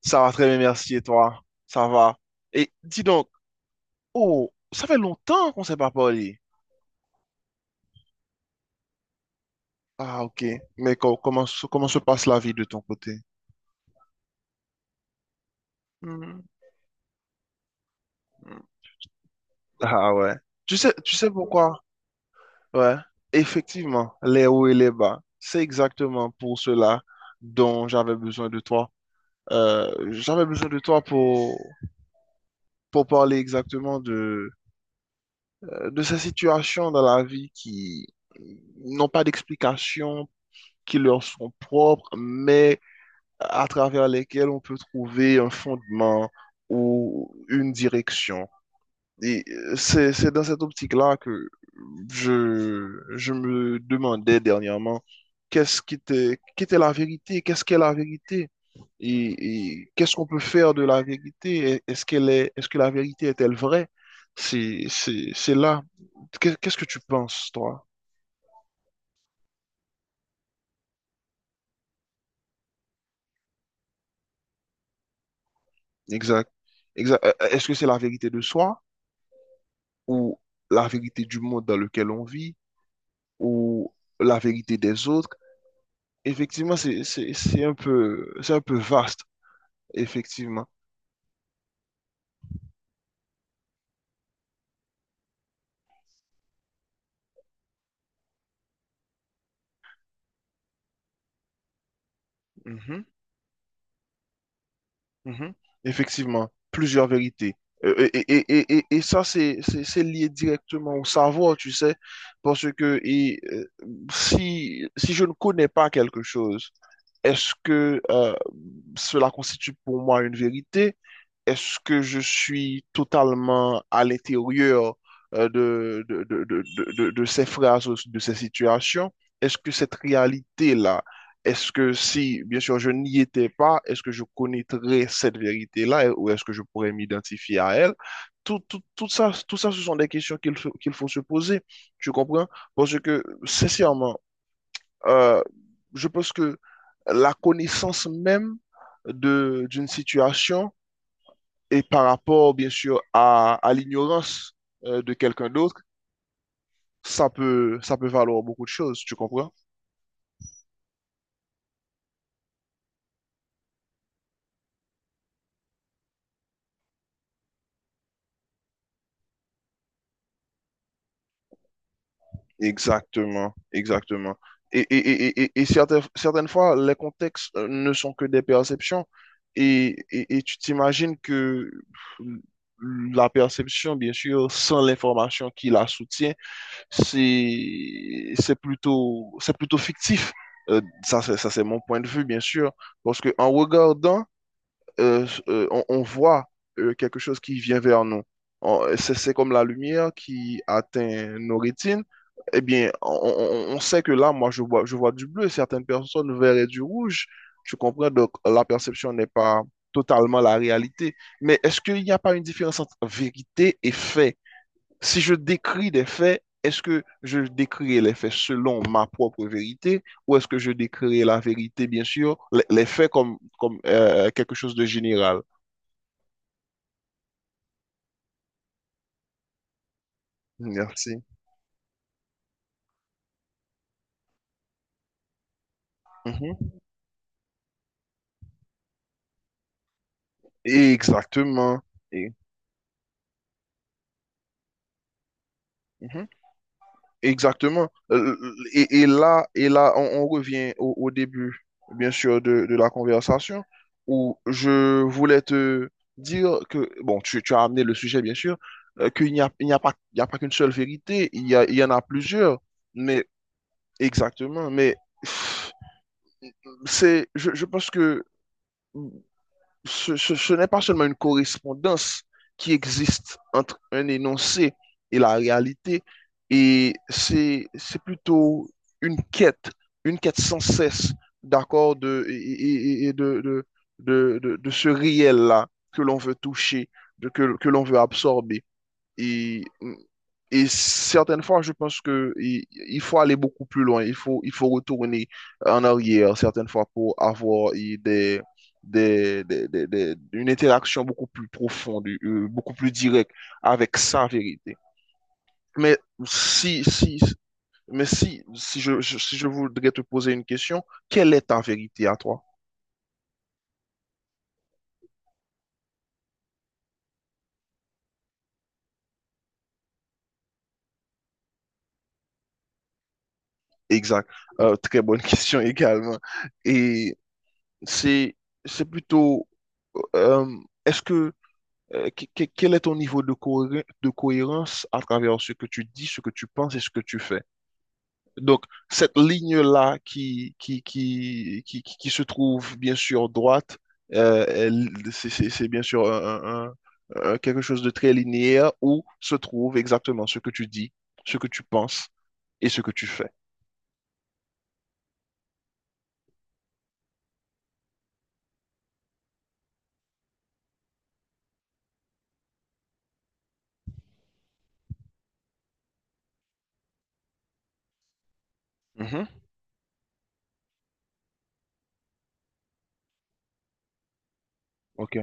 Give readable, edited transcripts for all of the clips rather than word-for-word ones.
Ça va très bien, merci. Et toi? Ça va. Et dis donc, oh, ça fait longtemps qu'on ne s'est pas parlé. Ah, ok. Mais comment se passe la vie de ton côté? Hmm. Ah ouais. Tu sais pourquoi? Ouais. Effectivement, les hauts et les bas. C'est exactement pour cela dont j'avais besoin de toi. J'avais besoin de toi pour parler exactement de ces situations dans la vie qui n'ont pas d'explication, qui leur sont propres, mais à travers lesquels on peut trouver un fondement ou une direction. Et c'est dans cette optique-là que je, je me demandais dernièrement qu'est-ce qui était, qu'était la vérité, qu'est-ce qu'est la vérité et qu'est-ce qu'on peut faire de la vérité? Est-ce qu'elle est, est-ce que la vérité est-elle vraie? C'est là. Qu'est-ce que tu penses, toi? Exact. Exact. Est-ce que c'est la vérité de soi? Ou la vérité du monde dans lequel on vit, ou la vérité des autres. Effectivement, c'est un peu vaste, effectivement. Mhm, mhm. Effectivement, plusieurs vérités. Et ça, c'est lié directement au savoir, tu sais, parce que si je ne connais pas quelque chose, est-ce que cela constitue pour moi une vérité? Est-ce que je suis totalement à l'intérieur euh, de, de, de, de, de ces phrases, de ces situations? Est-ce que cette réalité-là, est-ce que si, bien sûr, je n'y étais pas, est-ce que je connaîtrais cette vérité-là ou est-ce que je pourrais m'identifier à elle? Tout ça, ce sont des questions qu'il faut se poser. Tu comprends? Parce que, sincèrement, euh, je pense que la connaissance même d'une situation et par rapport, bien sûr, à l'ignorance de quelqu'un d'autre, ça peut valoir beaucoup de choses, tu comprends? Exactement, exactement. Et, et, et certaines fois, les contextes ne sont que des perceptions. Et tu t'imagines que la perception, bien sûr, sans l'information qui la soutient, c'est plutôt fictif. Ça, c'est mon point de vue, bien sûr. Parce que en regardant, on voit quelque chose qui vient vers nous. C'est comme la lumière qui atteint nos rétines. Eh bien, on sait que là, moi, je vois du bleu. Certaines personnes verraient du rouge. Je comprends, donc la perception n'est pas totalement la réalité. Mais est-ce qu'il n'y a pas une différence entre vérité et fait? Si je décris des faits, est-ce que je décrirai les faits selon ma propre vérité ou est-ce que je décrirai la vérité, bien sûr, les faits comme quelque chose de général? Merci. Mhm. Exactement. Et- mhm. Exactement. Et là, on revient au début, bien sûr, de la conversation, où je voulais te dire que, bon, tu as amené le sujet, bien sûr, qu'il n'y a, il n'y a pas, il n'y a pas qu'une seule vérité, il y en a plusieurs, mais exactement, mais pff, je pense que ce n'est pas seulement une correspondance qui existe entre un énoncé et la réalité, et c'est plutôt une quête, une quête sans cesse, d'accord, de, et- de, de ce réel-là que l'on veut toucher, que l'on veut absorber. Et et certaines fois, je pense que il faut aller beaucoup plus loin. Il faut retourner en arrière certaines fois pour avoir une interaction beaucoup plus profonde, beaucoup plus directe avec sa vérité. Mais si, si, si je voudrais te poser une question, quelle est ta vérité à toi? Exact. Très bonne question également. Et c'est c'est plutôt euh, est-ce que quel est ton niveau de cohérence à travers ce que tu dis, ce que tu penses et ce que tu fais? Donc, cette ligne-là qui se trouve bien sûr droite, c'est bien sûr quelque chose de très linéaire où se trouve exactement ce que tu dis, ce que tu penses et ce que tu fais. Mhm. Ok,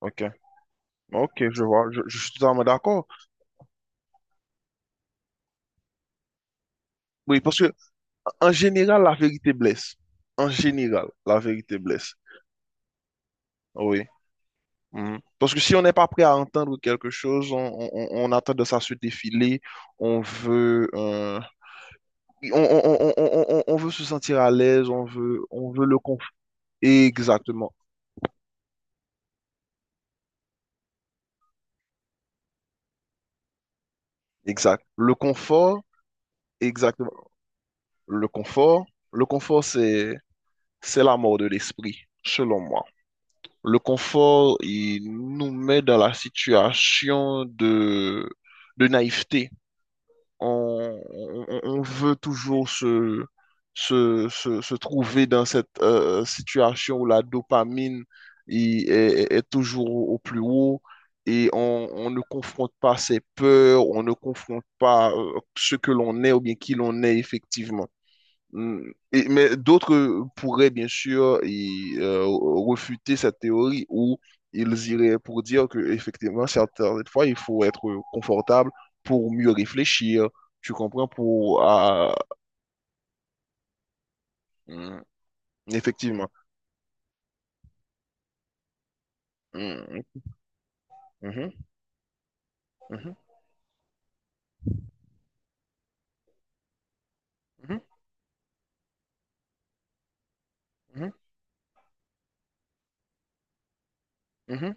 ok, ok, je vois, je suis totalement d'accord. Oui, parce que en général, la vérité blesse. En général, la vérité blesse. Oui. Mhm. Parce que si on n'est pas prêt à entendre quelque chose, on a tendance à se défiler, on veut, euh, on veut se sentir à l'aise, on veut le confort. Exactement, exact. Le confort, exactement. Le confort, le confort, c'est la mort de l'esprit, selon moi. Le confort, il nous met dans la situation de naïveté. On veut toujours se trouver dans cette situation où la dopamine il est, est toujours au plus haut et on ne confronte pas ses peurs, on ne confronte pas ce que l'on est ou bien qui l'on est effectivement. Mm. Mais d'autres pourraient bien sûr refuter cette théorie ou ils iraient pour dire que effectivement certaines fois il faut être confortable pour mieux réfléchir, tu comprends, mm, effectivement. Mm, mhm, mhm, mhm, mhm,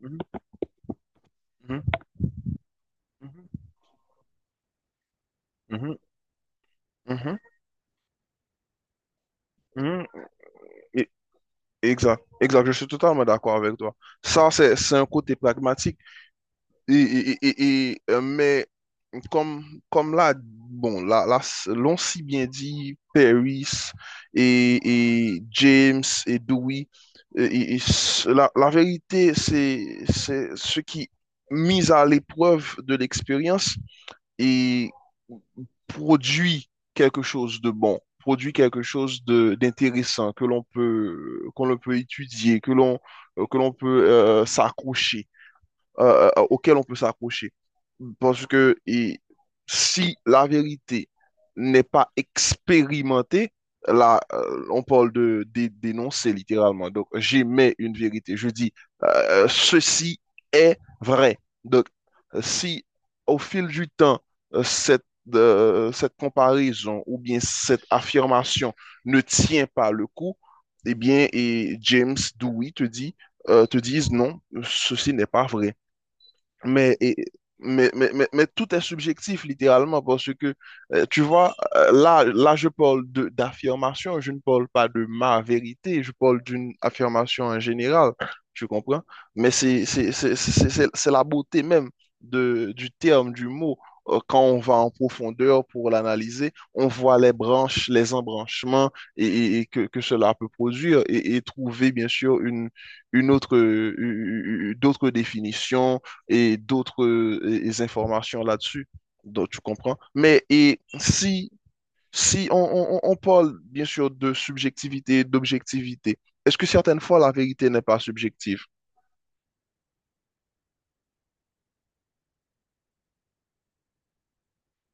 mhm, mhm, mhm, mhm, mhm, mhm, mhm. Et- Exact, exact, je suis totalement d'accord avec toi. Ça, c'est un côté pragmatique. Mais comme, comme là, bon, l'on si bien dit, Paris et, et James et Dewey, la vérité, c'est ce qui, mis à l'épreuve de l'expérience, et produit quelque chose de bon, produit quelque chose de d'intéressant qu'on le peut étudier, que l'on peut s'accrocher auquel on peut s'accrocher. Parce que si la vérité n'est pas expérimentée, là, on parle dénoncer littéralement. Donc, j'émets une vérité. Je dis, ceci est vrai. Donc, si au fil du temps, euh, cette, cette comparaison ou bien cette affirmation ne tient pas le coup, eh bien, et James Dewey te disent non, ceci n'est pas vrai. Mais, et- mais tout est subjectif, littéralement, parce que, tu vois, là, je parle d'affirmation, je ne parle pas de ma vérité, je parle d'une affirmation en général, tu comprends? Mais c'est la beauté même du terme, du mot. Quand on va en profondeur pour l'analyser, on voit les branches, les embranchements et que cela peut produire et trouver, bien sûr, une autre, d'autres définitions et d'autres informations là-dessus. Donc, tu comprends? Si on parle bien sûr de subjectivité et d'objectivité, est-ce que certaines fois la vérité n'est pas subjective?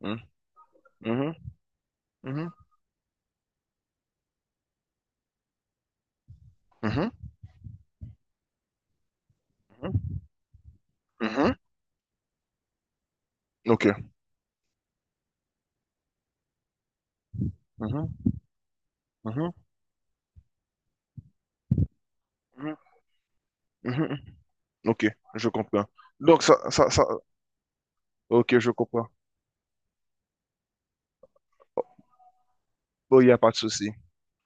Hmm. Mhm. Mhm. Mhm. Mhm. Ok. Mhm. Mhm. Mhm. Mhm. Ok, je comprends. Donc, ça, ok, je comprends. Bon, il n'y a pas de souci.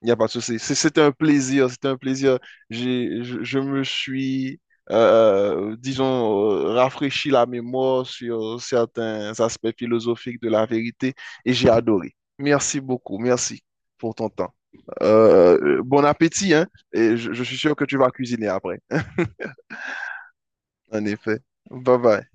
Il n'y a pas de souci. C'est un plaisir, c'est un plaisir. Je me suis, disons, rafraîchi la mémoire sur certains aspects philosophiques de la vérité et j'ai adoré. Merci beaucoup, merci pour ton temps. Bon appétit, hein, et je suis sûr que tu vas cuisiner après. En effet. Bye bye.